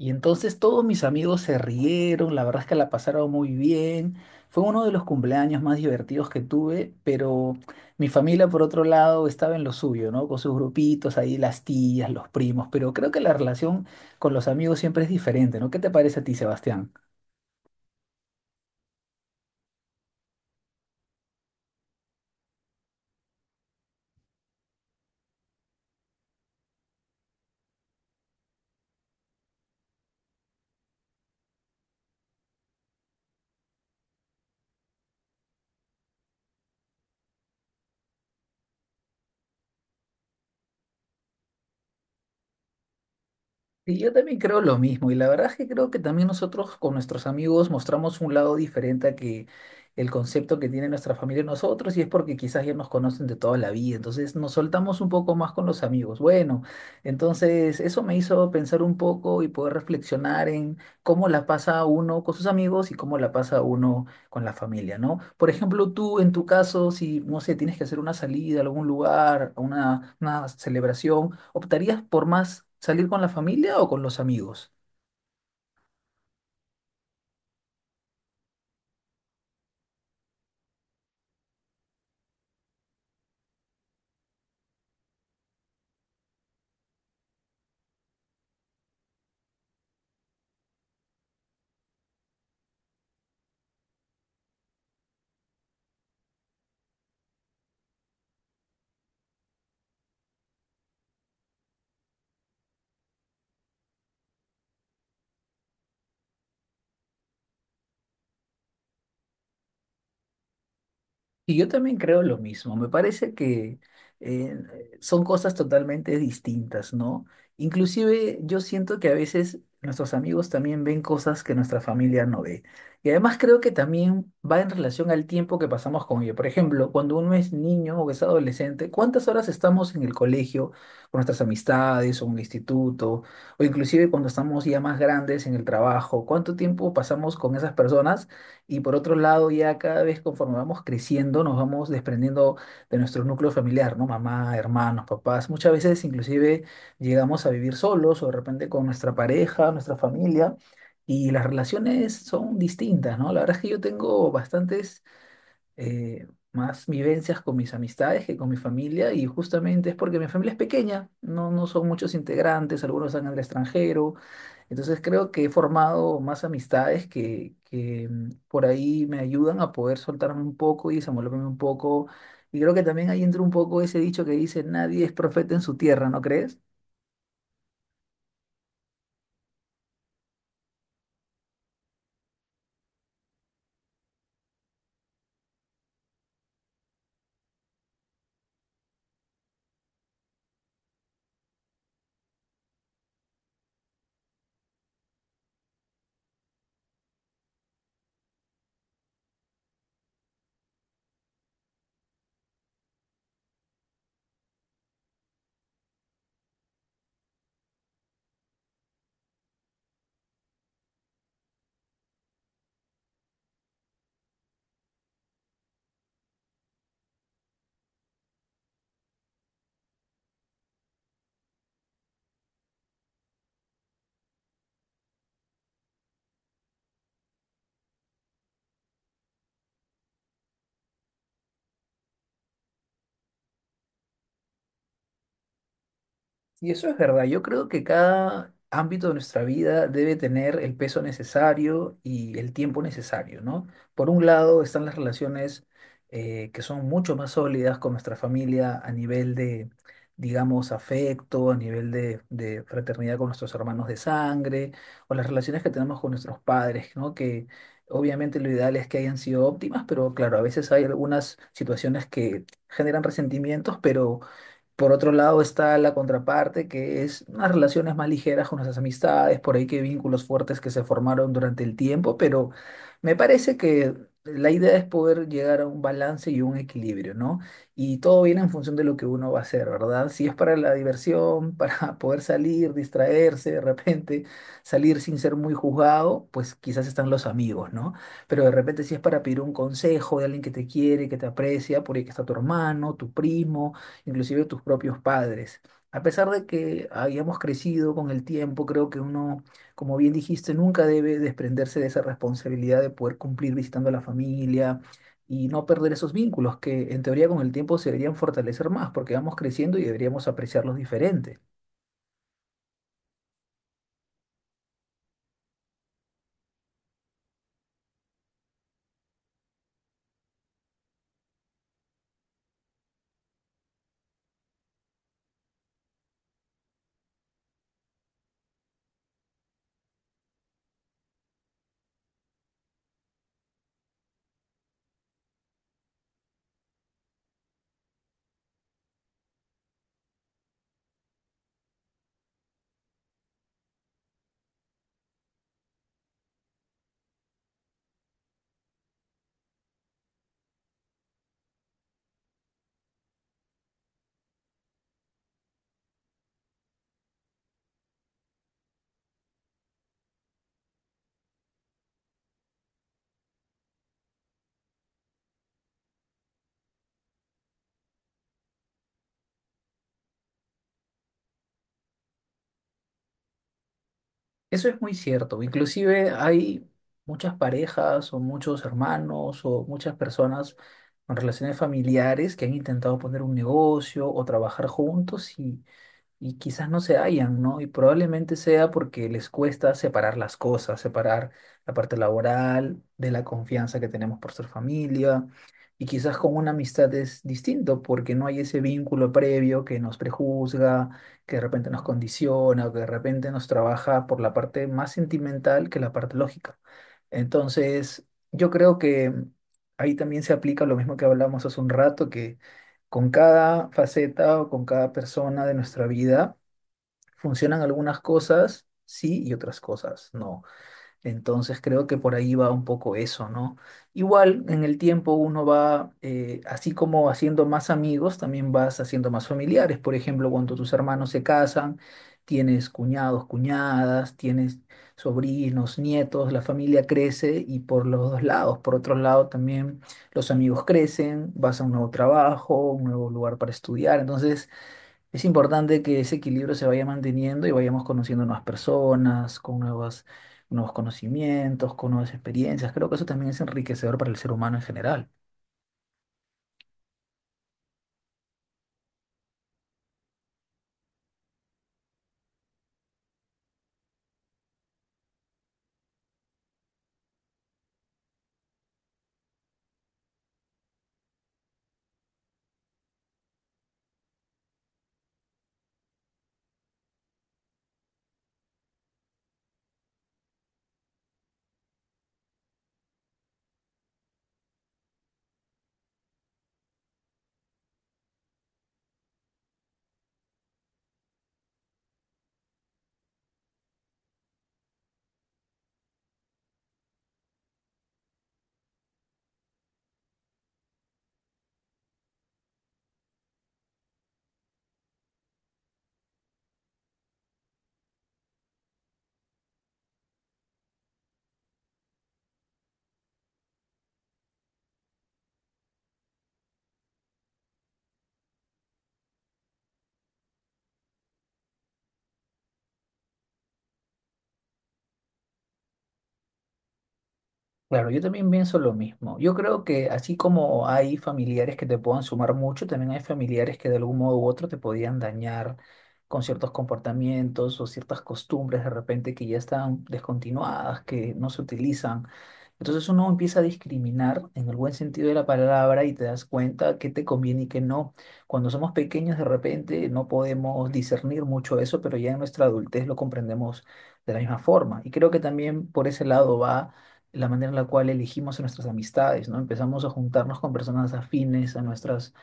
Y entonces todos mis amigos se rieron, la verdad es que la pasaron muy bien. Fue uno de los cumpleaños más divertidos que tuve, pero mi familia, por otro lado, estaba en lo suyo, ¿no? Con sus grupitos ahí, las tías, los primos, pero creo que la relación con los amigos siempre es diferente, ¿no? ¿Qué te parece a ti, Sebastián? Y yo también creo lo mismo, y la verdad es que creo que también nosotros con nuestros amigos mostramos un lado diferente a que el concepto que tiene nuestra familia de nosotros, y es porque quizás ya nos conocen de toda la vida, entonces nos soltamos un poco más con los amigos. Bueno, entonces eso me hizo pensar un poco y poder reflexionar en cómo la pasa uno con sus amigos y cómo la pasa uno con la familia, ¿no? Por ejemplo, tú en tu caso, si, no sé, tienes que hacer una salida a algún lugar, a una celebración, ¿optarías por más salir con la familia o con los amigos? Y yo también creo lo mismo. Me parece que eh, son cosas totalmente distintas, ¿no? Inclusive yo siento que a veces nuestros amigos también ven cosas que nuestra familia no ve. Y además creo que también va en relación al tiempo que pasamos con ellos. Por ejemplo, cuando uno es niño o es adolescente, ¿cuántas horas estamos en el colegio con nuestras amistades o en el instituto? O inclusive cuando estamos ya más grandes en el trabajo, ¿cuánto tiempo pasamos con esas personas? Y por otro lado, ya cada vez conforme vamos creciendo, nos vamos desprendiendo de nuestro núcleo familiar, ¿no? Mamá, hermanos, papás. Muchas veces inclusive llegamos a vivir solos o de repente con nuestra pareja, nuestra familia, y las relaciones son distintas, ¿no? La verdad es que yo tengo bastantes eh, más vivencias con mis amistades que con mi familia, y justamente es porque mi familia es pequeña, no, no son muchos integrantes, algunos están en el extranjero, entonces creo que he formado más amistades que por ahí me ayudan a poder soltarme un poco y desenvolverme un poco. Y creo que también ahí entra un poco ese dicho que dice, nadie es profeta en su tierra, ¿no crees? Y eso es verdad. Yo creo que cada ámbito de nuestra vida debe tener el peso necesario y el tiempo necesario, ¿no? Por un lado están las relaciones que son mucho más sólidas con nuestra familia a nivel de, digamos, afecto, a nivel de fraternidad con nuestros hermanos de sangre, o las relaciones que tenemos con nuestros padres, ¿no? Que obviamente lo ideal es que hayan sido óptimas, pero claro, a veces hay algunas situaciones que generan resentimientos, pero... Por otro lado está la contraparte, que es unas relaciones más ligeras con nuestras amistades, por ahí que vínculos fuertes que se formaron durante el tiempo, pero me parece que la idea es poder llegar a un balance y un equilibrio, ¿no? Y todo viene en función de lo que uno va a hacer, ¿verdad? Si es para la diversión, para poder salir, distraerse de repente, salir sin ser muy juzgado, pues quizás están los amigos, ¿no? Pero de repente si es para pedir un consejo de alguien que te quiere, que te aprecia, por ahí que está tu hermano, tu primo inclusive tus propios padres. A pesar de que hayamos crecido con el tiempo, creo que uno, como bien dijiste, nunca debe desprenderse de esa responsabilidad de poder cumplir visitando a la familia y no perder esos vínculos que en teoría con el tiempo se deberían fortalecer más porque vamos creciendo y deberíamos apreciarlos diferente. Eso es muy cierto. Inclusive hay muchas parejas o muchos hermanos o muchas personas con relaciones familiares que han intentado poner un negocio o trabajar juntos y quizás no se hallan, ¿no? Y probablemente sea porque les cuesta separar las cosas, separar la parte laboral de la confianza que tenemos por ser familia. Y quizás con una amistad es distinto porque no hay ese vínculo previo que nos prejuzga, que de repente nos condiciona o que de repente nos trabaja por la parte más sentimental que la parte lógica. Entonces, yo creo que ahí también se aplica lo mismo que hablamos hace un rato, que con cada faceta o con cada persona de nuestra vida funcionan algunas cosas sí y otras cosas no. Entonces creo que por ahí va un poco eso, ¿no? Igual en el tiempo uno va, así como haciendo más amigos, también vas haciendo más familiares. Por ejemplo, cuando tus hermanos se casan, tienes cuñados, cuñadas, tienes sobrinos, nietos, la familia crece y por los dos lados. Por otro lado, también los amigos crecen, vas a un nuevo trabajo, un nuevo lugar para estudiar. Entonces... Es importante que ese equilibrio se vaya manteniendo y vayamos conociendo nuevas personas, nuevos conocimientos, con nuevas experiencias. Creo que eso también es enriquecedor para el ser humano en general. Claro, yo también pienso lo mismo. Yo creo que así como hay familiares que te puedan sumar mucho, también hay familiares que de algún modo u otro te podían dañar con ciertos comportamientos o ciertas costumbres de repente que ya están descontinuadas, que no se utilizan. Entonces uno empieza a discriminar en el buen sentido de la palabra y te das cuenta qué te conviene y qué no. Cuando somos pequeños de repente no podemos discernir mucho eso, pero ya en nuestra adultez lo comprendemos de la misma forma. Y creo que también por ese lado va la manera en la cual elegimos a nuestras amistades, ¿no? Empezamos a juntarnos con personas afines a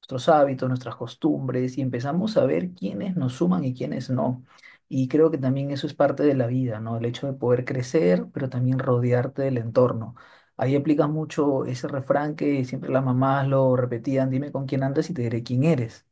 nuestros hábitos, nuestras costumbres y empezamos a ver quiénes nos suman y quiénes no. Y creo que también eso es parte de la vida, ¿no? El hecho de poder crecer, pero también rodearte del entorno. Ahí aplica mucho ese refrán que siempre las mamás lo repetían, dime con quién andas y te diré quién eres.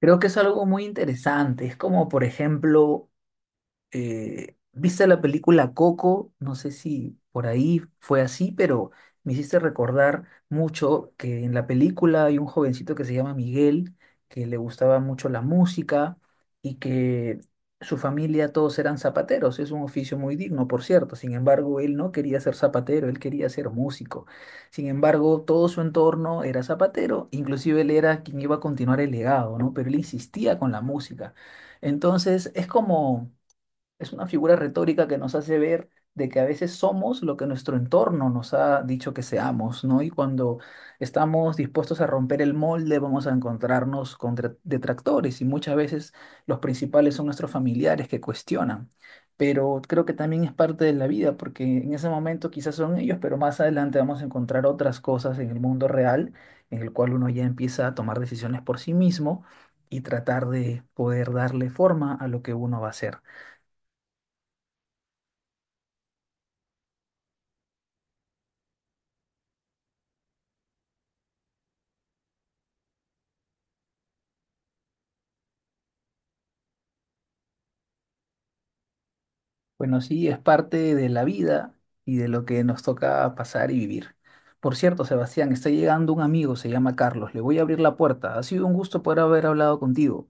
Creo que es algo muy interesante. Es como, por ejemplo, ¿viste la película Coco? No sé si por ahí fue así, pero me hiciste recordar mucho que en la película hay un jovencito que se llama Miguel, que le gustaba mucho la música y que su familia todos eran zapateros. Es un oficio muy digno, por cierto. Sin embargo, él no quería ser zapatero, él quería ser músico. Sin embargo, todo su entorno era zapatero, inclusive él era quien iba a continuar el legado, ¿no? Pero él insistía con la música. Entonces, es como... Es una figura retórica que nos hace ver de que a veces somos lo que nuestro entorno nos ha dicho que seamos, ¿no? Y cuando estamos dispuestos a romper el molde, vamos a encontrarnos con detractores y muchas veces los principales son nuestros familiares que cuestionan. Pero creo que también es parte de la vida, porque en ese momento quizás son ellos, pero más adelante vamos a encontrar otras cosas en el mundo real, en el cual uno ya empieza a tomar decisiones por sí mismo y tratar de poder darle forma a lo que uno va a hacer. Bueno, sí, es parte de la vida y de lo que nos toca pasar y vivir. Por cierto, Sebastián, está llegando un amigo, se llama Carlos. Le voy a abrir la puerta. Ha sido un gusto poder haber hablado contigo.